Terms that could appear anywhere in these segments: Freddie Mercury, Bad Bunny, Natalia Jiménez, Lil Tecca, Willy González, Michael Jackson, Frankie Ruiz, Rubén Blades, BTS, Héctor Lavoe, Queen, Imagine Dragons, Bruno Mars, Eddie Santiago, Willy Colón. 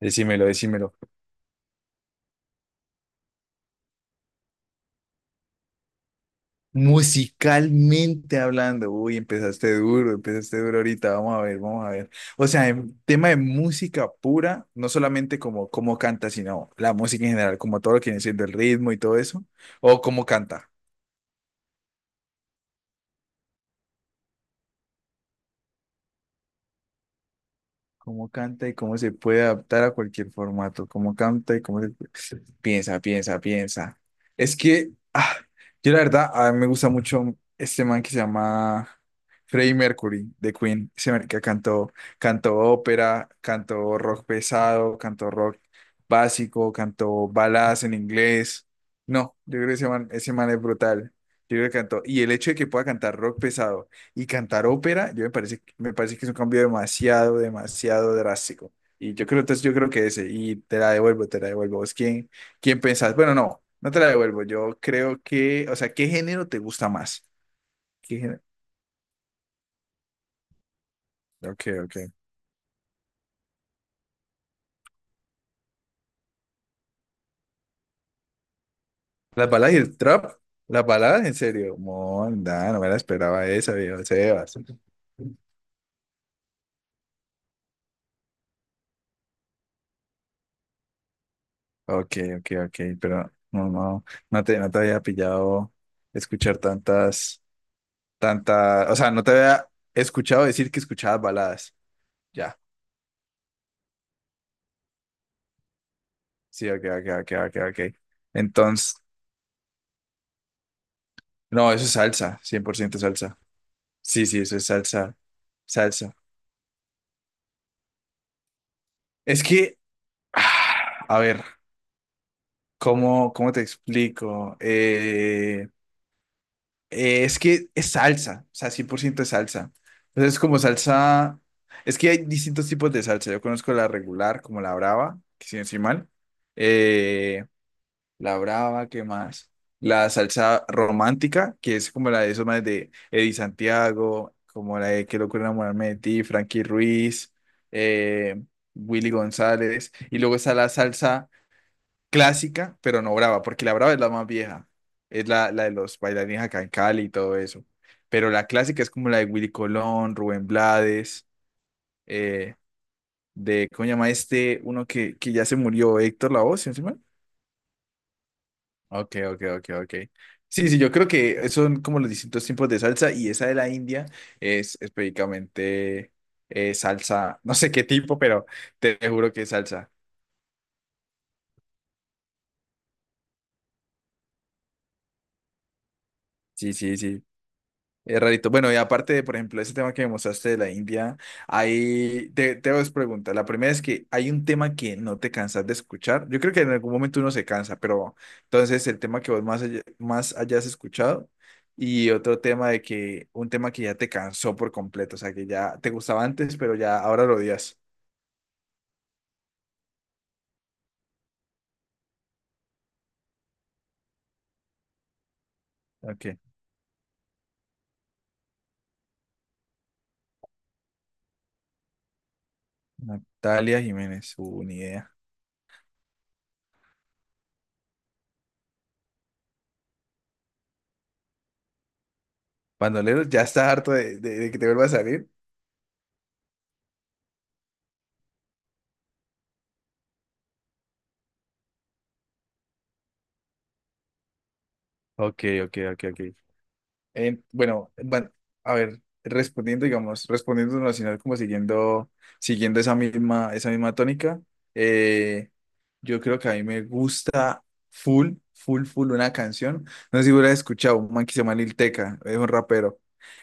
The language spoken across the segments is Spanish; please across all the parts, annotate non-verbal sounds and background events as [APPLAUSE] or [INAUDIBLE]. Decímelo, decímelo. Musicalmente hablando, uy, empezaste duro ahorita, vamos a ver, vamos a ver. O sea, en tema de música pura, no solamente como cómo canta, sino la música en general, como todo lo que viene siendo el ritmo y todo eso, o cómo canta. Cómo canta y cómo se puede adaptar a cualquier formato. Cómo canta y cómo se puede. Piensa, piensa, piensa. Es que yo la verdad, a mí me gusta mucho este man que se llama Freddie Mercury de Queen. Ese man que cantó ópera, cantó rock pesado, cantó rock básico, cantó baladas en inglés. No, yo creo que ese man es brutal. Yo creo que cantó. Y el hecho de que pueda cantar rock pesado y cantar ópera, yo me parece que es un cambio demasiado, demasiado drástico. Y yo creo, entonces yo creo que ese, y te la devuelvo, te la devuelvo. ¿Vos quién pensás? Bueno, no, no te la devuelvo. Yo creo que, o sea, ¿qué género te gusta más? ¿Qué género? Ok, ok. ¿Las baladas y el trap? ¿Las baladas? En serio. Monda, no me la esperaba esa, viejo Sebas. Ok, ok, ok, pero no te había pillado escuchar tanta, o sea, no te había escuchado decir que escuchabas baladas. Ya, sí, ok, ok, ok, ok, ok. Entonces, no, eso es salsa, 100% salsa. Sí, sí, eso es salsa, salsa. Es que, [SIGHS] a ver, ¿cómo te explico? Es que es salsa, o sea, 100% es salsa. Entonces, es como salsa, es que hay distintos tipos de salsa. Yo conozco la regular, como la brava, que si no estoy mal. Eh, La brava, ¿qué más? La salsa romántica, que es como la de esos más de Eddie Santiago, como la de Qué locura enamorarme de ti, Frankie Ruiz, eh, Willy González. Y luego está la salsa clásica, pero no brava, porque la brava es la más vieja. Es la de los bailarines acá en Cali y todo eso. Pero la clásica es como la de Willy Colón, Rubén Blades, eh, ¿cómo se llama este? Uno que ya se murió, Héctor Lavoe, ¿sí? Ok, ok, ok, ok. Sí, sí, yo creo que son como los distintos tipos de salsa y esa de la India es específicamente salsa, no sé qué tipo, pero te juro que es salsa. Sí, sí, sí. Es rarito. Bueno, y aparte de, por ejemplo, ese tema que me mostraste de la India, ahí te hago dos preguntas. La primera es que hay un tema que no te cansas de escuchar. Yo creo que en algún momento uno se cansa, pero entonces el tema que vos más hayas escuchado y otro tema de que, un tema que ya te cansó por completo, o sea, que ya te gustaba antes, pero ya ahora lo odias. Ok. Natalia Jiménez, ni idea. Bandoleros, ya está harto de que te vuelva a salir. Ok, ok, ok, ok. Bueno, bueno, a ver, respondiendo, digamos, respondiendo en nacional como siguiendo esa misma tónica, eh, yo creo que a mí me gusta full, full, full una canción. No sé si hubiera escuchado, un man que se llama Lil Tecca, es un rapero.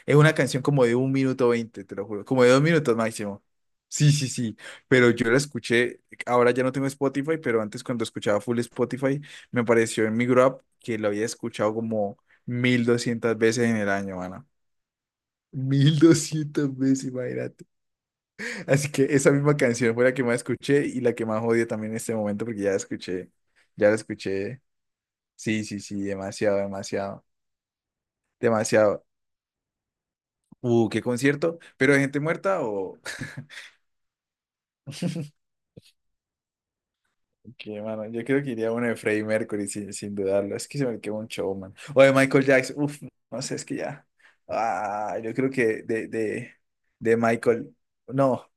Es una canción como de un minuto veinte, te lo juro, como de 2 minutos máximo. Sí, sí, sí, pero yo la escuché, ahora ya no tengo Spotify, pero antes cuando escuchaba full Spotify, me apareció en mi Grab que lo había escuchado como 1.200 veces en el año, mano. 1.200 veces, imagínate. Así que esa misma canción fue la que más escuché y la que más odio también en este momento porque ya la escuché. Ya la escuché. Sí, sí, sí, demasiado, demasiado, demasiado. Qué concierto. ¿Pero de gente muerta o...? [LAUGHS] Qué, mano. Yo creo que iría a uno de Freddie Mercury sin dudarlo. Es que se me quedó un showman. O de Michael Jackson. Uf, no sé, es que ya. Ah, yo creo que de Michael. No.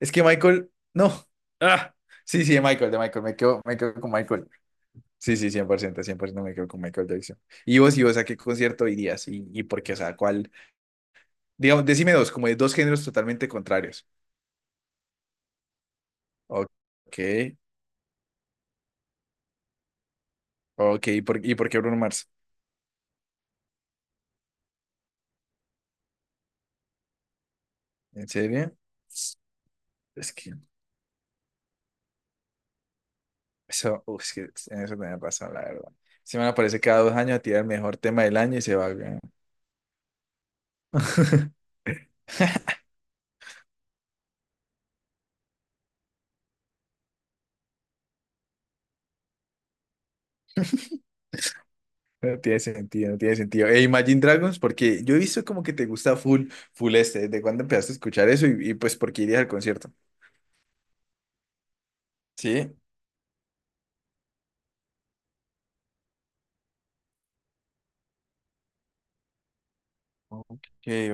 Es que Michael, no. Ah, sí, sí, de Michael, de Michael. Me quedo con Michael. Sí, sí, cien por ciento, 100% me quedo con Michael Jackson. ¿Y vos, a qué concierto irías? ¿Y por qué? O sea, ¿cuál? Digamos, decime dos, como de dos géneros totalmente contrarios. Ok, ok. ¿Y por qué Bruno Mars? ¿En serio? Es que eso, es que en eso tenés razón, la verdad. Se me aparece cada 2 años a tirar el mejor tema del año y se va. Weón. [LAUGHS] No tiene sentido, no tiene sentido. E Imagine Dragons, porque yo he visto como que te gusta full, full este, ¿desde cuándo empezaste a escuchar eso? Y pues, ¿por qué irías al concierto? Sí. Ok,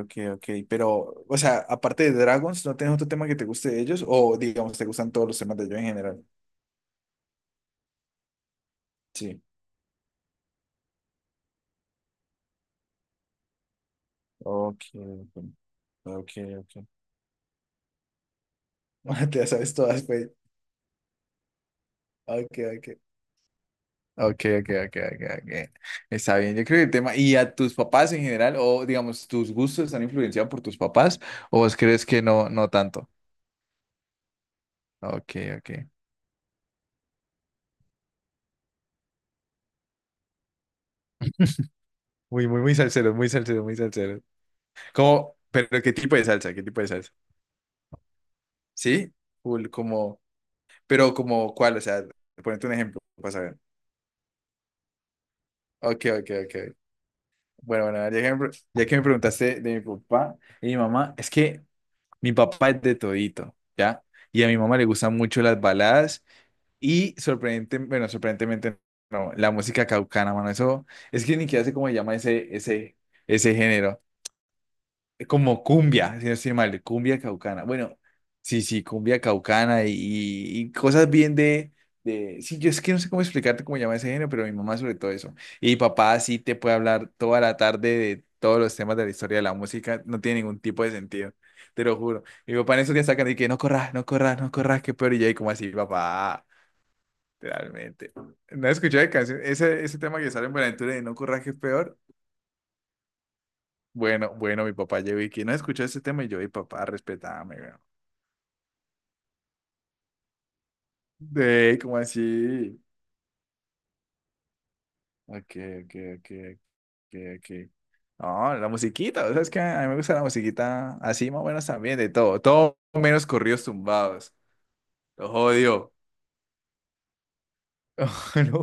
ok, ok. Pero, o sea, aparte de Dragons, ¿no tienes otro tema que te guste de ellos? O, digamos, ¿te gustan todos los temas de ellos en general? Sí. Ok, ok, ok. [LAUGHS] ok. Te las sabes todas, pues. Ok, ok. Ok, ok, ok, ok, ok. Está bien, yo creo que el tema, ¿y a tus papás en general, o digamos, tus gustos están influenciados por tus papás, o vos crees que no, no tanto? Ok, ok. Muy, muy, muy salsero, muy salsero, muy salsero. ¿Cómo? Pero ¿qué tipo de salsa? ¿Qué tipo de salsa? ¿Sí? Full, como, ¿cuál? O sea, ponete un ejemplo para saber. Ok, ok, ok. Bueno, bueno, ya que me preguntaste de mi papá y mi mamá, es que mi papá es de todito, ¿ya? Y a mi mamá le gustan mucho las baladas y bueno, sorprendentemente no, la música caucana, mano, eso es que ni siquiera sé cómo se llama ese, género. Es como cumbia, si no estoy mal, cumbia caucana. Bueno, sí, sí, cumbia caucana y cosas bien de, de. Sí, yo es que no sé cómo explicarte cómo se llama ese género, pero mi mamá sobre todo eso. Y mi papá sí te puede hablar toda la tarde de todos los temas de la historia de la música, no tiene ningún tipo de sentido, te lo juro. Mi papá en esos días sacan y que no corras, no corras, no corras, qué peor. Y yo ahí como así, papá. Literalmente. No escuché canción. ese tema que sale en Buenaventura de No Curra que es peor. Bueno, bueno, mi papá llegó y que no escuchó ese tema y yo, y papá, respetame, weón. De, ¿cómo así? Ok, ok, ok, ok, ok. No, la musiquita, sabes sea, que a mí me gusta la musiquita así, más o menos también, de todo, todo menos corridos tumbados. Los odio. [LAUGHS] No,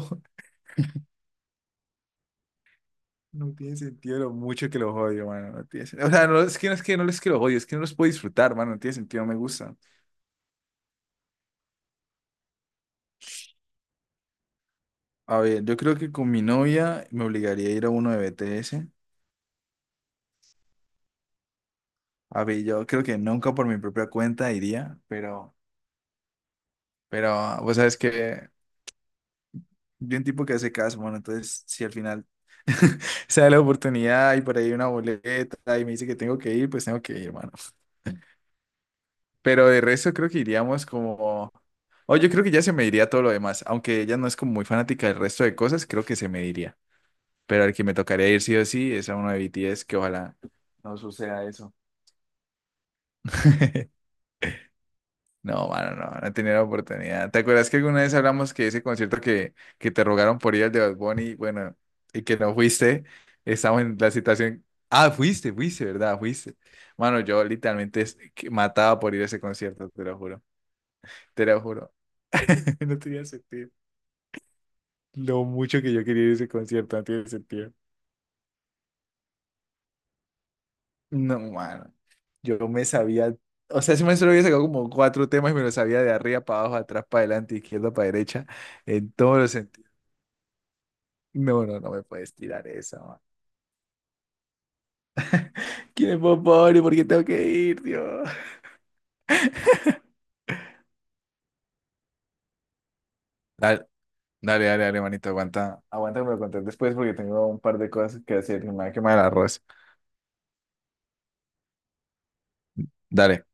no tiene sentido lo mucho que los odio, mano. No tiene sen- O sea, no es que no es que no es que los odio, es que no los puedo disfrutar, mano. No tiene sentido, no me gusta. A ver, yo creo que con mi novia me obligaría a ir a uno de BTS. A ver, yo creo que nunca por mi propia cuenta iría, pero vos sabes que yo un tipo que hace caso, bueno, entonces si al final [LAUGHS] se da la oportunidad y por ahí una boleta y me dice que tengo que ir, pues tengo que ir, mano. Pero de resto creo que iríamos como. O yo creo que ya se me iría todo lo demás, aunque ella no es como muy fanática del resto de cosas, creo que se me iría. Pero al que me tocaría ir sí o sí es a uno de BTS, que ojalá no suceda eso. [LAUGHS] No, mano, no, no tenía la oportunidad. ¿Te acuerdas que alguna vez hablamos que ese concierto que te rogaron por ir al de Bad Bunny, bueno, y que no fuiste? Estamos en la situación. Ah, fuiste, fuiste, ¿verdad? Fuiste. Mano, yo literalmente que mataba por ir a ese concierto, te lo juro. Te lo juro. [LAUGHS] No tenía sentido. Lo mucho que yo quería ir a ese concierto no tiene sentido. No, mano. Yo me sabía. O sea, ese maestro había sacado como cuatro temas y me lo sabía de arriba para abajo, atrás para adelante, izquierda para derecha, en todos los sentidos. No, no, no me puedes tirar eso. ¿Quién es Bob Bunny? ¿Por qué tengo que ir, Dios? [LAUGHS] Dale, dale, dale, dale, manito, aguanta. Aguanta que me lo conté después porque tengo un par de cosas que hacer y me va a quemar el arroz. Dale.